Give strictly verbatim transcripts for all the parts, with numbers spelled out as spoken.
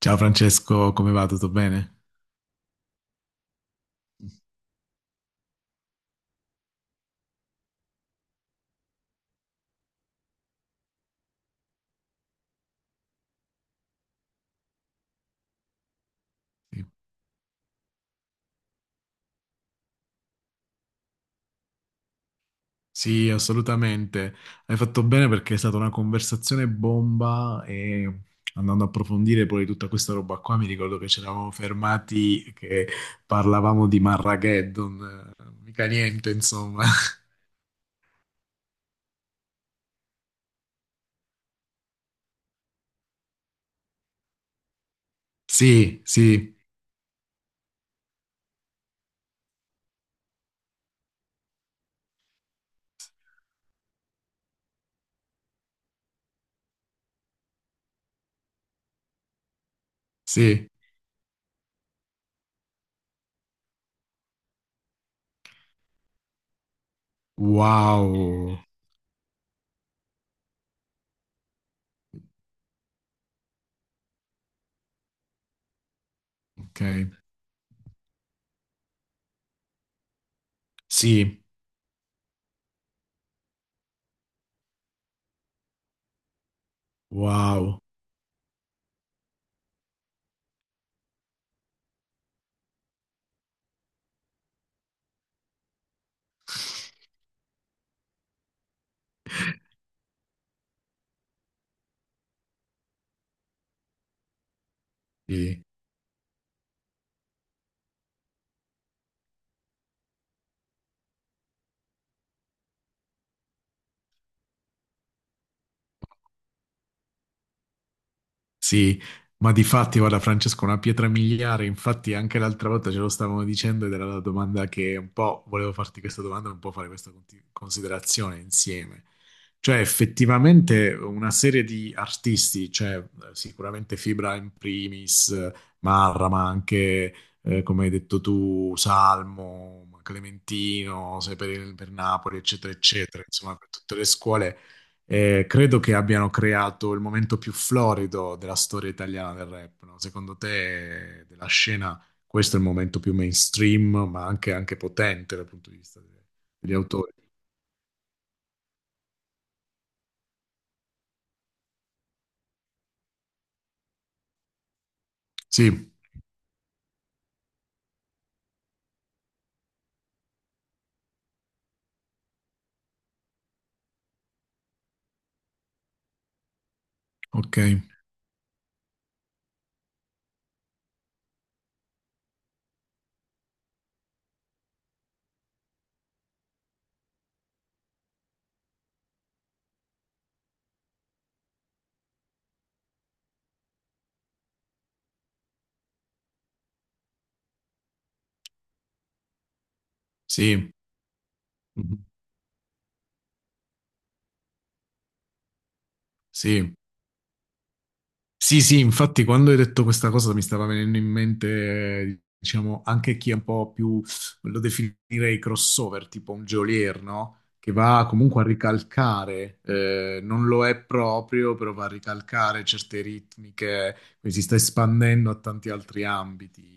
Ciao Francesco, come va? Tutto bene? Sì, Sì, assolutamente. Hai fatto bene perché è stata una conversazione bomba e andando a approfondire poi tutta questa roba qua, mi ricordo che ci eravamo fermati che parlavamo di Marrageddon, eh, mica niente, insomma. Sì, sì, sì. Wow. Ok. Sì, wow. Sì. Sì, ma di fatti, guarda Francesco, una pietra miliare, infatti anche l'altra volta ce lo stavamo dicendo ed era la domanda che un po' volevo farti questa domanda e un po' fare questa conti- considerazione insieme. Cioè, effettivamente una serie di artisti, cioè eh, sicuramente Fibra in primis, eh, Marra, ma anche, eh, come hai detto tu, Salmo, Clementino, sei per, per Napoli, eccetera, eccetera, insomma, per tutte le scuole eh, credo che abbiano creato il momento più florido della storia italiana del rap, no? Secondo te, eh, della scena, questo è il momento più mainstream, ma anche, anche potente dal punto di vista de- degli autori? Sì, ok, sì, mhm, sì. Sì, sì, infatti quando hai detto questa cosa mi stava venendo in mente, eh, diciamo, anche chi è un po' più, lo definirei crossover, tipo un geolier, no? Che va comunque a ricalcare, eh, non lo è proprio, però va a ricalcare certe ritmiche, quindi si sta espandendo a tanti altri ambiti.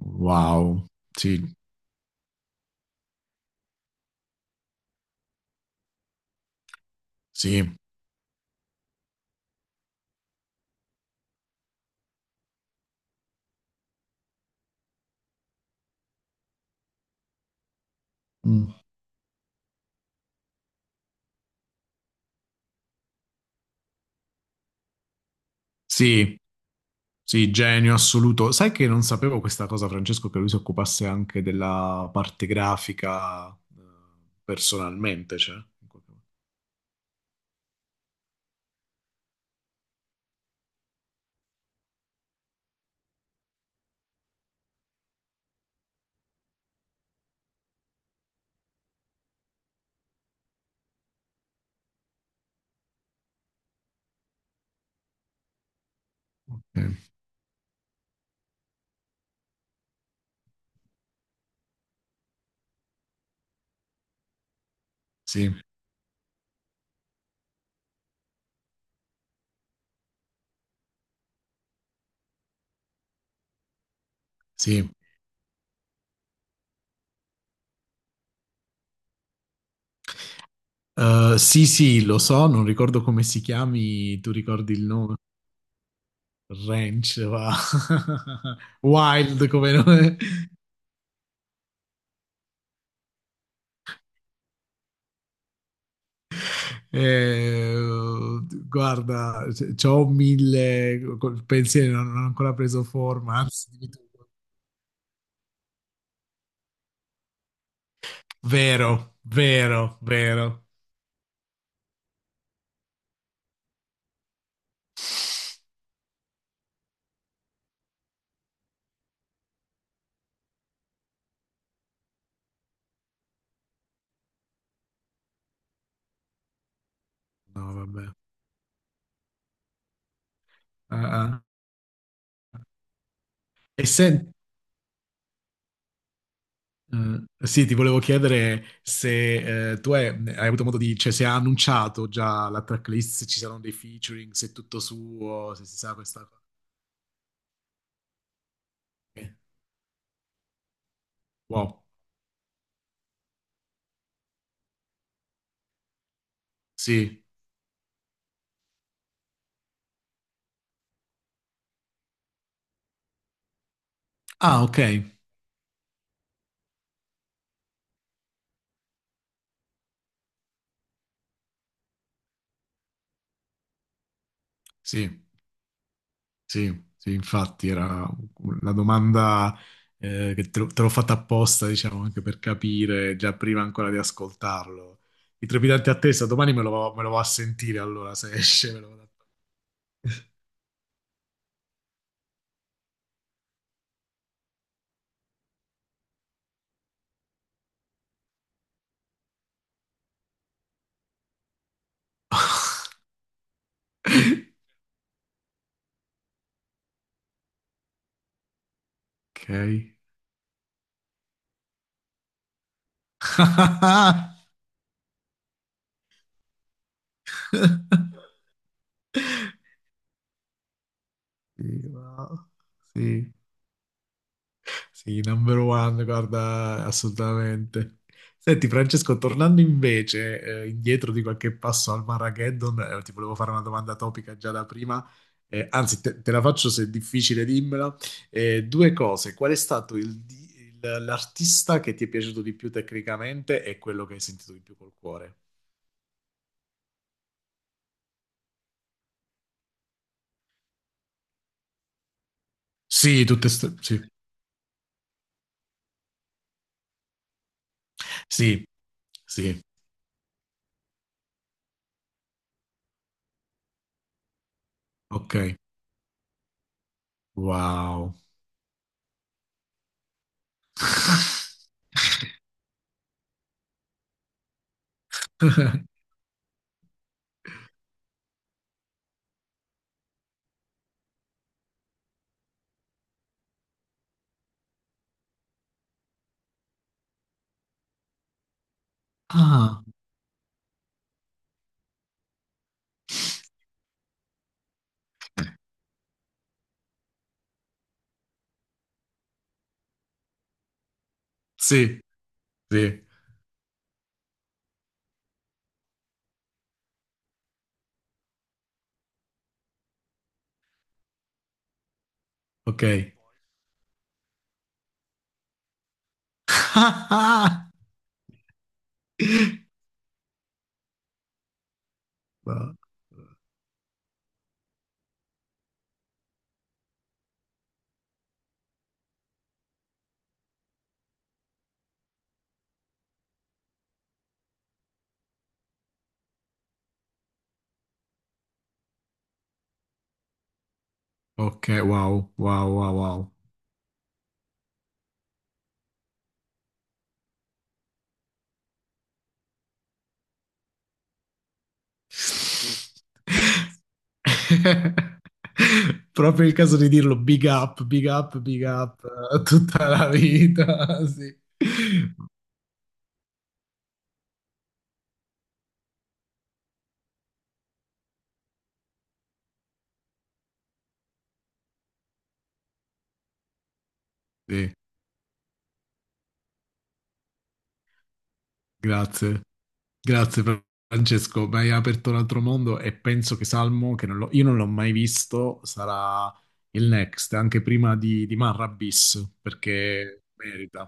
Wow, sì, sì, mm, sì. Sì, genio assoluto. Sai che non sapevo questa cosa, Francesco, che lui si occupasse anche della parte grafica eh, personalmente, cioè, in qualche modo. Ok, sì, sì. Eh, sì, sì, lo so, non ricordo come si chiami, tu ricordi il nome? Ranch, va. Wild come nome. Eh, guarda, c- c'ho mille, col pensiero non, non ho ancora preso forma, anzi, dimmi tu. Vero, vero, vero. No, vabbè. Ah, ah. E se, eh, Sì, ti volevo chiedere se eh, tu hai, hai avuto modo di, cioè se ha annunciato già la tracklist, se ci saranno dei featuring, se è tutto suo, se si sa questa cosa. Ok. Wow, sì. Ah, ok, sì. Sì, sì, infatti era una domanda eh, che te, l'ho te l'ho fatta apposta, diciamo, anche per capire già prima ancora di ascoltarlo. I trepidanti attesa, domani me lo, me lo vado a sentire allora, se esce me lo vado a Ok. Sì, wow. Sì. Sì, number one, guarda, assolutamente. Senti, Francesco, tornando invece eh, indietro di qualche passo al Marrageddon, eh, ti volevo fare una domanda topica già da prima, eh, anzi te, te la faccio se è difficile, dimmela. Eh, due cose, qual è stato il di- il- l'artista che ti è piaciuto di più tecnicamente e quello che hai sentito di più col cuore? Sì, tutte ste, sì, sì, sì, ok. Wow. Ah, sì, sì, ok. Wow. Ok, wow, wow, wow, wow. Proprio il caso di dirlo, big up, big up, big up, eh, tutta la vita, sì. Sì, grazie, grazie per- Francesco, mi hai aperto un altro mondo e penso che Salmo, che non l'ho- io non l'ho mai visto, sarà il next, anche prima di, di Marra Bis, perché merita.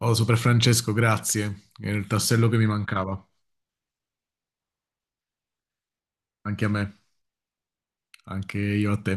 Oh, Super Francesco, grazie. È il tassello che mi mancava. Anche a me, anche io a te.